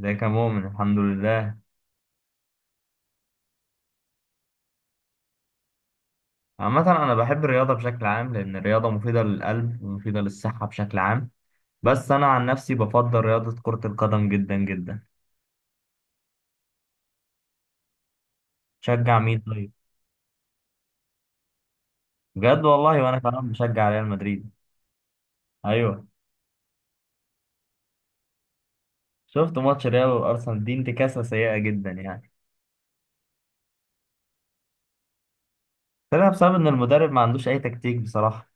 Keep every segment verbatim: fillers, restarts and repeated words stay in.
ازيك يا مؤمن، الحمد لله. عامة أنا بحب الرياضة بشكل عام، لأن الرياضة مفيدة للقلب ومفيدة للصحة بشكل عام. بس أنا عن نفسي بفضل رياضة كرة القدم جدا جدا. شجع مين طيب؟ بجد والله، وأنا كمان بشجع ريال مدريد. أيوه. شفت ماتش ريال وأرسنال، دي انتكاسة سيئة جدا يعني. طلع بسبب إن المدرب ما عندوش أي تكتيك بصراحة.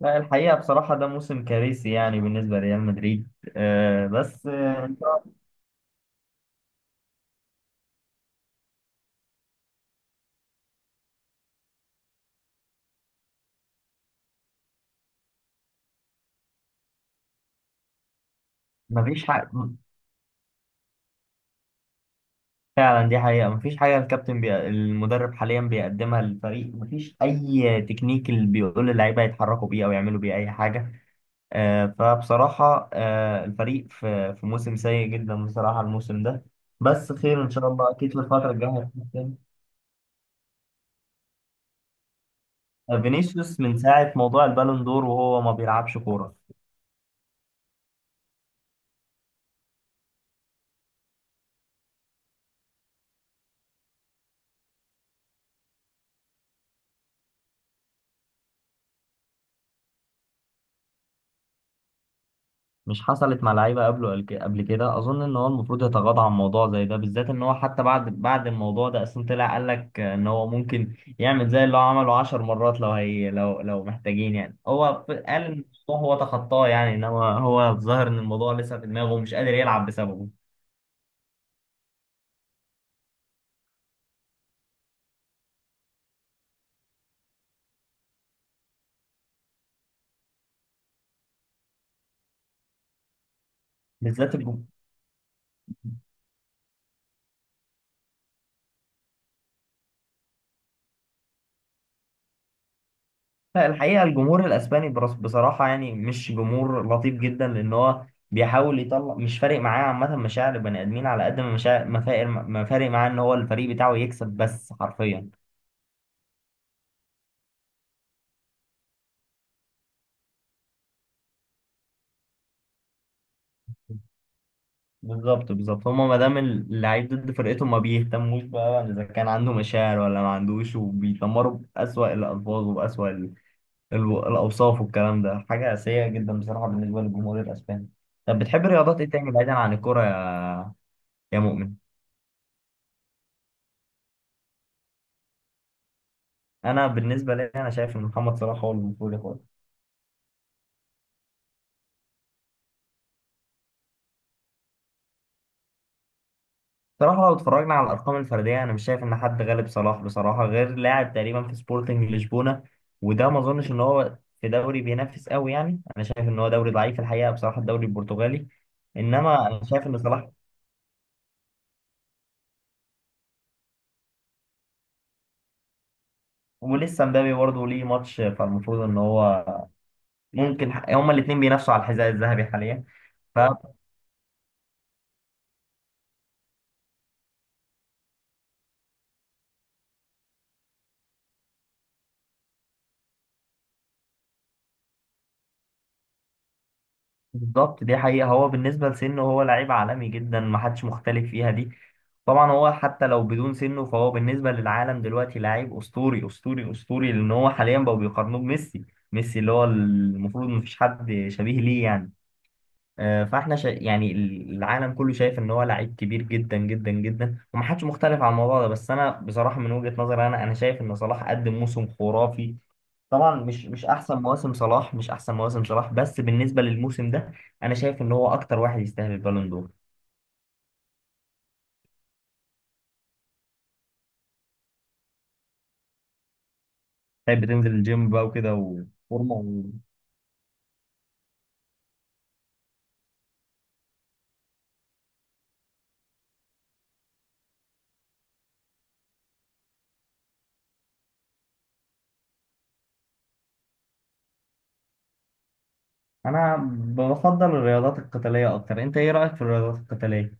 لا، الحقيقة بصراحة ده موسم كارثي يعني بالنسبة لريال مدريد. آه بس آه، مفيش حق. فعلا دي حقيقة، مفيش حاجة الكابتن بي... المدرب حاليا بيقدمها للفريق، مفيش أي تكنيك اللي بيقول اللعيبة يتحركوا بيه أو يعملوا بيه أي حاجة. آه فبصراحة آه الفريق في... في موسم سيء جدا بصراحة، الموسم ده. بس خير إن شاء الله، أكيد في الفترة الجاية هتحسن. آه، فينيسيوس من ساعة موضوع البالون دور وهو ما بيلعبش كورة. مش حصلت مع لعيبه قبله؟ قبل ك- قبل كده اظن ان هو المفروض يتغاضى عن موضوع زي ده، بالذات ان هو حتى بعد بعد الموضوع ده اصلا طلع قال لك ان هو ممكن يعمل زي اللي هو عمله 10 مرات لو هي لو لو محتاجين، يعني هو ف- قال ان الموضوع هو تخطاه يعني، انما هو الظاهر ان الموضوع لسه في دماغه ومش قادر يلعب بسببه. بالذات الجمهور. لا الحقيقة، الجمهور الأسباني برص- بصراحة يعني مش جمهور لطيف جدا، لأن هو بيحاول يطلع مش فارق معاه عامة مشاعر البني آدمين، على قد ما مشاعر، ما فارق ما فارق معاه إن هو الفريق بتاعه يكسب بس حرفيا. بالظبط بالظبط، هما ما دام اللعيب ضد فرقتهم ما بيهتموش بقى إذا كان عنده مشاعر ولا ما عندوش، وبيتمروا بأسوأ الألفاظ وبأسوأ ال- ال- الأوصاف، والكلام ده حاجة سيئة جدا بصراحة بالنسبة للجمهور الأسباني. طب بتحب رياضات إيه تاني بعيدا عن الكورة يا يا مؤمن؟ انا بالنسبه لي انا شايف ان محمد صلاح هو اللي المفروض ياخدها. صراحه لو اتفرجنا على الارقام الفرديه انا مش شايف ان حد غالب صلاح بصراحه، غير لاعب تقريبا في سبورتنج لشبونه، وده ما اظنش ان هو في دوري بينافس قوي يعني. انا شايف ان هو دوري ضعيف الحقيقه بصراحه، الدوري البرتغالي. انما انا شايف ان صلاح ولسه مبابي برضه ليه ماتش، فالمفروض ان هو ممكن ح- هما الاثنين بينافسوا على الحذاء الذهبي حاليا. ف- بالظبط دي حقيقة، هو بالنسبة لسنه هو لعيب عالمي جدا محدش مختلف فيها دي. طبعا هو حتى لو بدون سنه فهو بالنسبة للعالم دلوقتي لعيب أسطوري أسطوري أسطوري، لأن هو حاليا بقوا بيقارنوه بميسي. ميسي اللي هو المفروض مفيش حد شبيه ليه يعني. آه، فاحنا شا... يعني العالم كله شايف ان هو لعيب كبير جدا جدا جدا ومحدش مختلف على الموضوع ده. بس انا بصراحة من وجهة نظري، انا انا شايف ان صلاح قدم موسم خرافي. طبعا مش مش احسن مواسم صلاح، مش احسن مواسم صلاح بس بالنسبه للموسم ده انا شايف ان هو اكتر واحد يستاهل البالون دور. طيب بتنزل الجيم بقى وكده وفورمه و... انا بفضل الرياضات القتاليه اكتر. انت ايه رايك في الرياضات القتاليه؟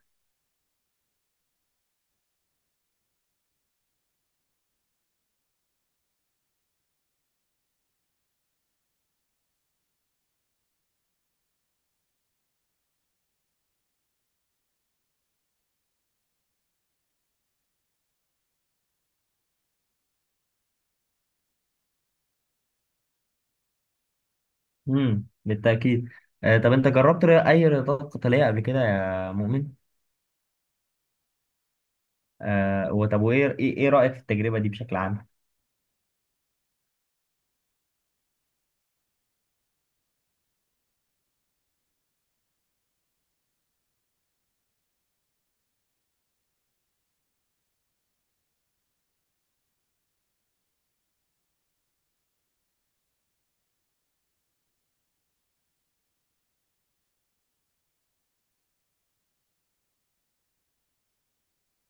امم، بالتاكيد. آه طب انت جربت ري- اي رياضات قتاليه قبل كده يا مؤمن؟ آه وطب، وايه ايه إيه رايك في التجربه دي بشكل عام؟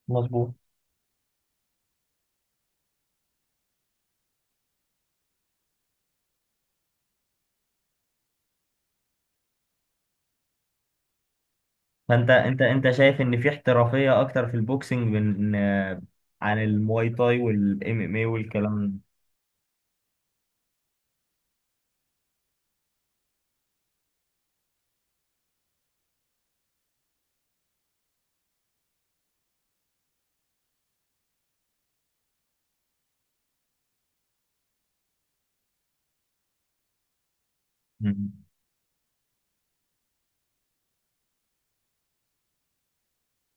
مظبوط. فانت انت انت شايف ان في احترافيه اكتر في البوكسنج من آه، عن المواي تاي والام ام اي والكلام. مم.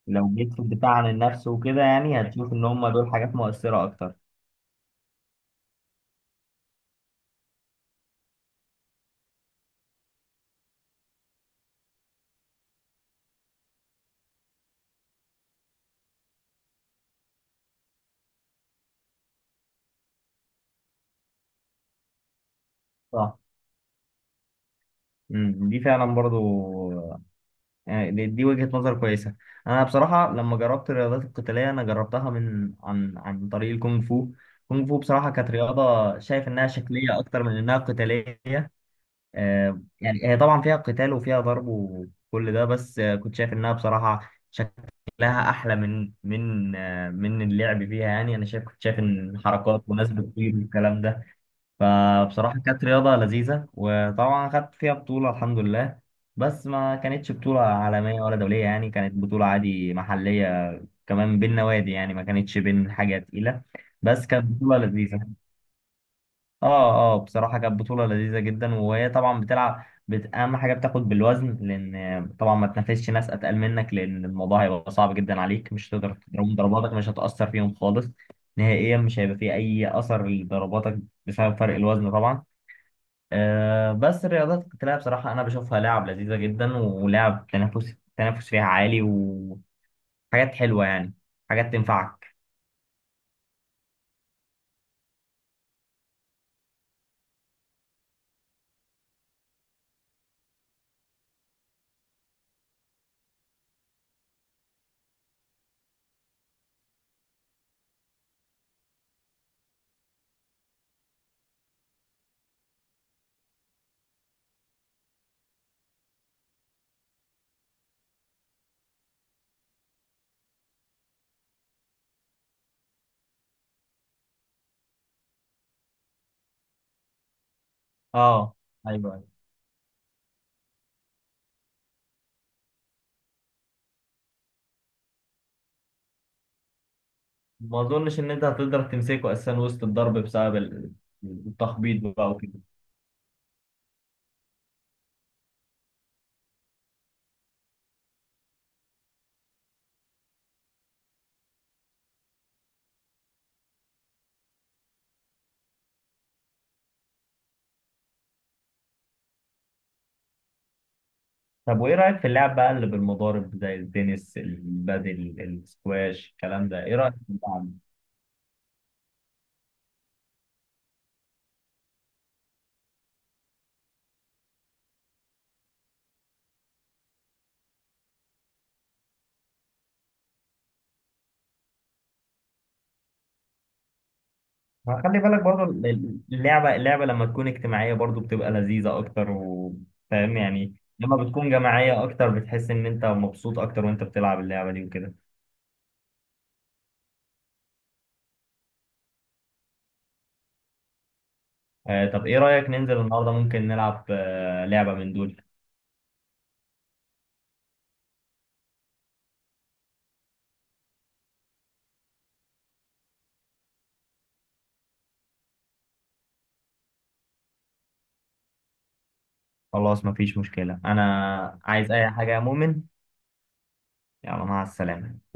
لو جيت في الدفاع عن النفس وكده يعني هتشوف ان هم دول حاجات مؤثرة اكتر. صح. مم. دي فعلا برضو يعني، دي دي وجهة نظر كويسة. انا بصراحة لما جربت الرياضات القتالية انا جربتها من عن عن طريق الكونغ فو. الكونغ فو بصراحة كانت رياضة شايف انها شكلية اكتر من انها قتالية. آه يعني هي طبعا فيها قتال وفيها ضرب وكل ده، بس آه كنت شايف انها بصراحة لها احلى من من آه، من اللعب فيها يعني. انا شايف كنت شايف ان حركات وناس بتطير والكلام ده. فبصراحه كانت رياضه لذيذه، وطبعا خدت فيها بطوله الحمد لله. بس ما كانتش بطوله عالميه ولا دوليه يعني، كانت بطوله عادي محليه. كمان بين نوادي، يعني ما كانتش بين حاجه تقيله. بس كانت بطوله لذيذه. اه اه بصراحة كانت بطولة لذيذة جدا، وهي طبعا بتلعب بت... أهم حاجة بتاخد بالوزن، لأن طبعا ما تنافسش ناس أتقل منك، لأن الموضوع هيبقى صعب جدا عليك، مش هتقدر تضربهم، ضرباتك مش هتأثر فيهم خالص، نهائيا مش هيبقى فيه أي أثر لضرباتك بسبب فرق الوزن طبعا. آه بس الرياضات القتالية بصراحة أنا بشوفها لعب لذيذة جدا، ولعب تنافس تنافس فيها عالي، وحاجات حلوة يعني، حاجات تنفعك. اه ايوه. ما اظنش ان انت هتقدر تمسكه اساسا وسط الضرب بسبب ال- التخبيط بقى وكده. طب وايه رايك في اللعب بقى اللي بالمضارب زي التنس البادل السكواش الكلام ده، ايه رايك في اللعب؟ ما خلي بالك برضو ال- ال- اللعبه اللعبه لما تكون اجتماعيه برضو بتبقى لذيذه اكتر وفاهم يعني. لما بتكون جماعيه اكتر بتحس ان انت مبسوط اكتر وانت بتلعب اللعبه دي وكده. آه طب ايه رايك ننزل النهارده ممكن نلعب آه لعبه من دول؟ خلاص مفيش مشكله، انا عايز اي حاجه يا مؤمن. يلا، مع السلامة.